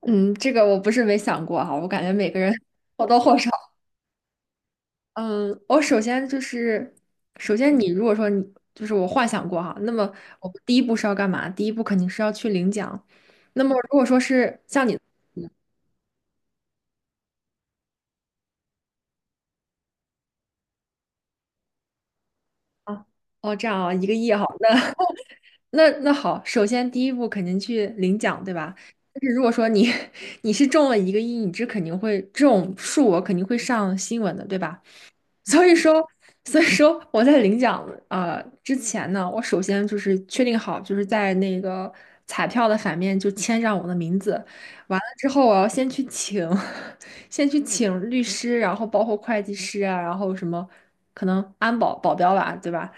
嗯，这个我不是没想过哈，我感觉每个人 或多或少。嗯，我首先就是，首先你如果说你就是我幻想过哈，那么我们第一步是要干嘛？第一步肯定是要去领奖。那么如果说是像你啊，哦这样啊，一个亿哈，那好，首先第一步肯定去领奖，对吧？但是如果说你 你是中了1个亿，你这肯定会这种数额肯定会上新闻的，对吧？所以说，所以说，我在领奖之前呢，我首先就是确定好，就是在那个彩票的反面就签上我的名字。完了之后，我要先去请，先去请律师，然后包括会计师啊，然后什么可能安保保镖吧，对吧？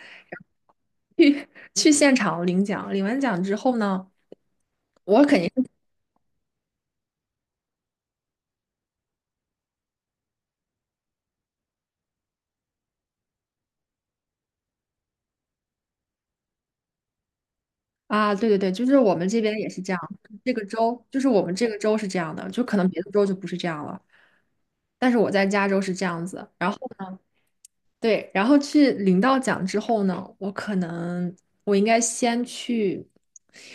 去去现场领奖。领完奖之后呢，我肯定是啊，对对对，就是我们这边也是这样，这个州就是我们这个州是这样的，就可能别的州就不是这样了。但是我在加州是这样子，然后呢，对，然后去领到奖之后呢，我可能我应该先去，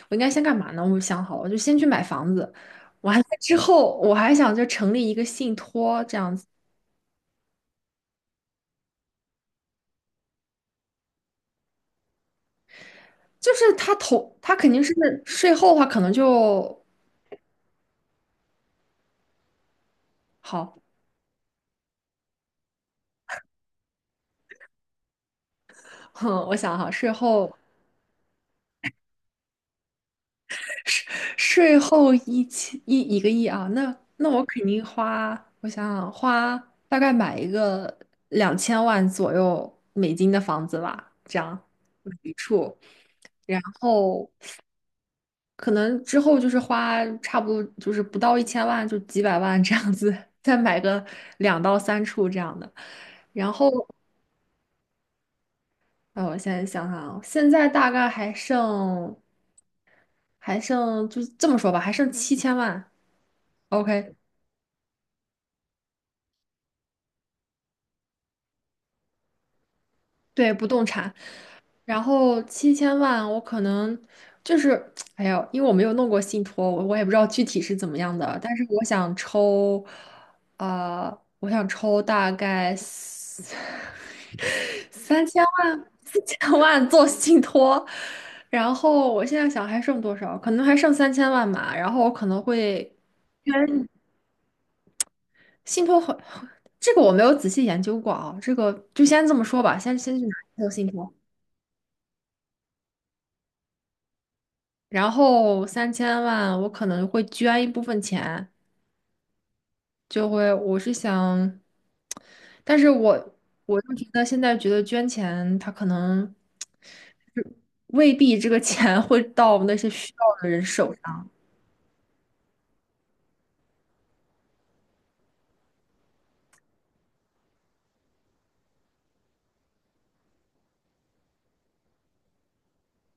我应该先干嘛呢？我想好了，我就先去买房子，完了之后我还想就成立一个信托这样子，就是他投他肯定是税后的话，可能就好，哼，我想哈，税税后一千一一个亿啊，那我肯定花，我想想，花大概买一个2000万左右美金的房子吧，这样一处，然后可能之后就是花差不多就是不到1000万，就几百万这样子，再买个2到3处这样的，然后我现在想想啊，现在大概还剩就这么说吧，还剩七千万，OK。对，不动产，然后七千万，我可能就是，哎呀，因为我没有弄过信托，我也不知道具体是怎么样的，但是我想抽，呃，我想抽大概三 三千万，4000万做信托，然后我现在想还剩多少，可能还剩三千万吧，然后我可能会因为信托很，这个我没有仔细研究过啊，这个就先这么说吧，先去拿一个信托。然后三千万我可能会捐一部分钱，就会我是想，但是我就觉得现在觉得捐钱，它可能未必这个钱会到那些需要的人手上。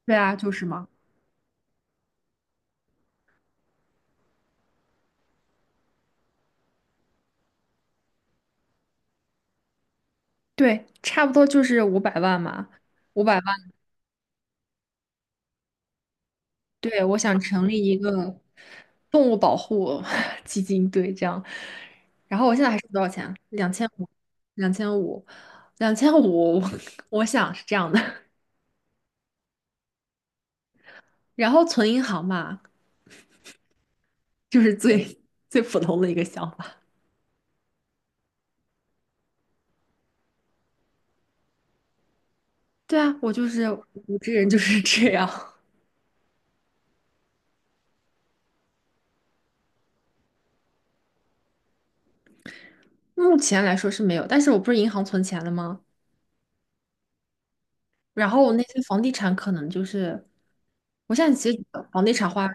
对啊，就是嘛，对，差不多就是五百万嘛，五百万。对，我想成立一个动物保护 基金，对，这样。然后我现在还剩多少钱啊两千五，两千五，两千五。我想是这样的。然后存银行吧，就是最最普通的一个想法。对啊，我就是我这人就是这样。目前来说是没有，但是我不是银行存钱了吗？然后我那些房地产可能就是，我现在其实觉得房地产花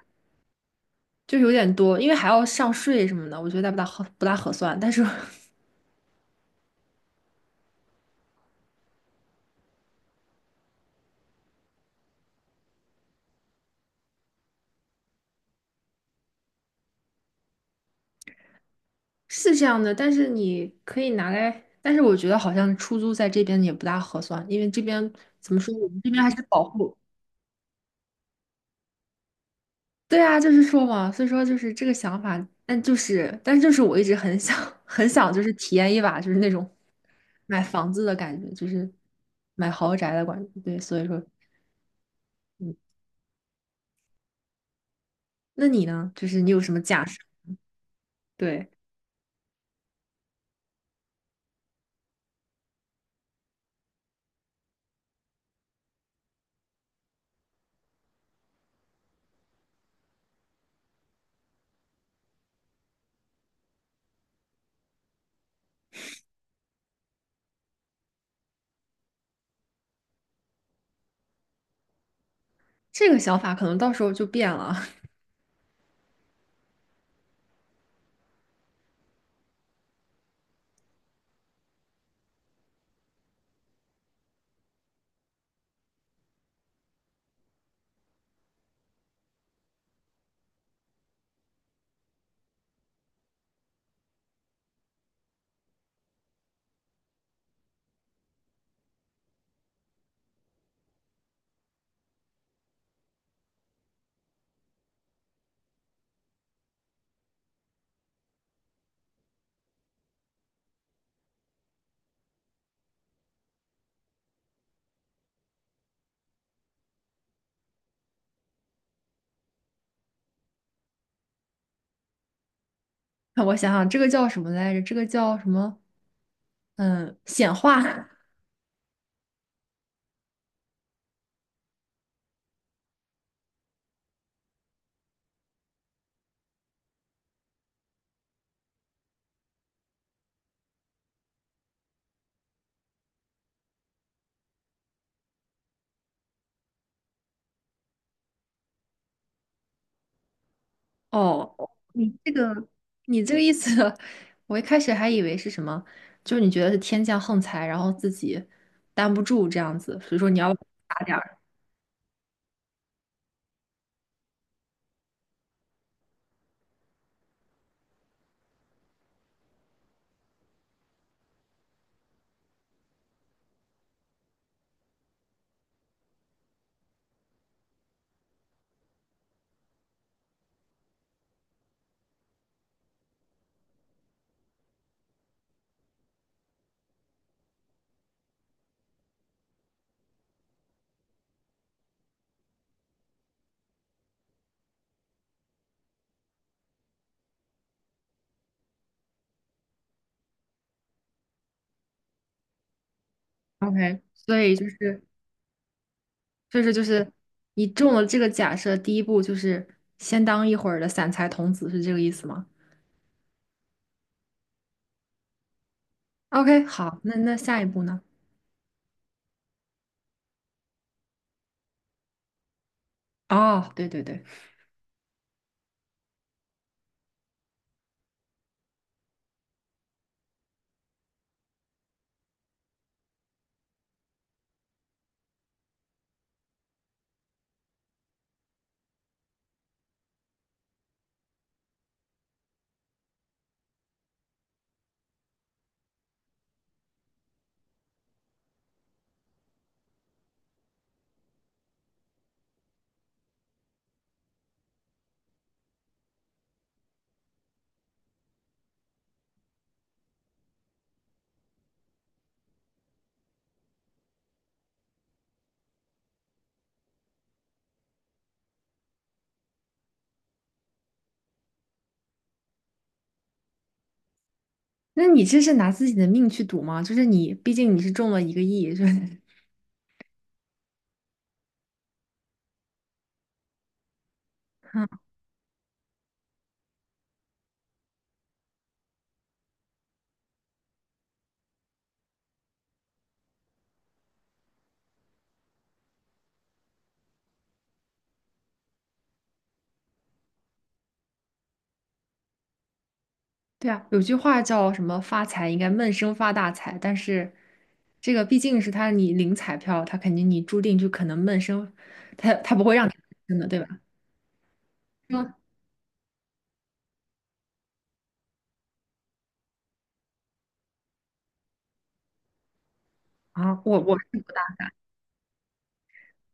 就是有点多，因为还要上税什么的，我觉得不大合算。但是 是这样的，但是你可以拿来，但是我觉得好像出租在这边也不大合算，因为这边怎么说，我们这边还是保护。对啊，就是说嘛，所以说就是这个想法，但是就是我一直很想，很想就是体验一把，就是那种买房子的感觉，就是买豪宅的感觉。对，所以说，嗯，那你呢？就是你有什么假设？对，这个想法可能到时候就变了。让我想想，这个叫什么来着？这个叫什么？嗯，显化。哦，你这个你这个意思，我一开始还以为是什么，就是你觉得是天降横财，然后自己担不住这样子，所以说你要打点儿。OK，所以就是你中了这个假设，第一步就是先当一会儿的散财童子，是这个意思吗？OK，好，那下一步呢？哦，对对对，那你这是拿自己的命去赌吗？就是你，毕竟你是中了一个亿，就是。对啊，有句话叫什么“发财应该闷声发大财”，但是这个毕竟是他你领彩票，他肯定你注定就可能闷声，他不会让你闷声的，对吧？嗯啊，我我是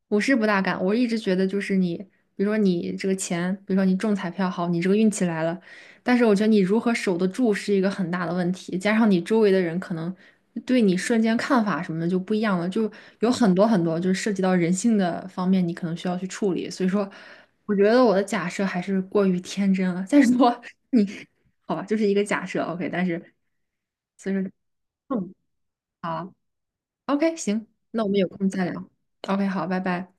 我是不大敢，我一直觉得就是你，比如说你这个钱，比如说你中彩票好，你这个运气来了，但是我觉得你如何守得住是一个很大的问题，加上你周围的人可能对你瞬间看法什么的就不一样了，就有很多很多就是涉及到人性的方面，你可能需要去处理。所以说，我觉得我的假设还是过于天真了。再说 你，好吧，就是一个假设，OK，但是所以说，嗯，好啊，OK，行，那我们有空再聊，OK，好，拜拜。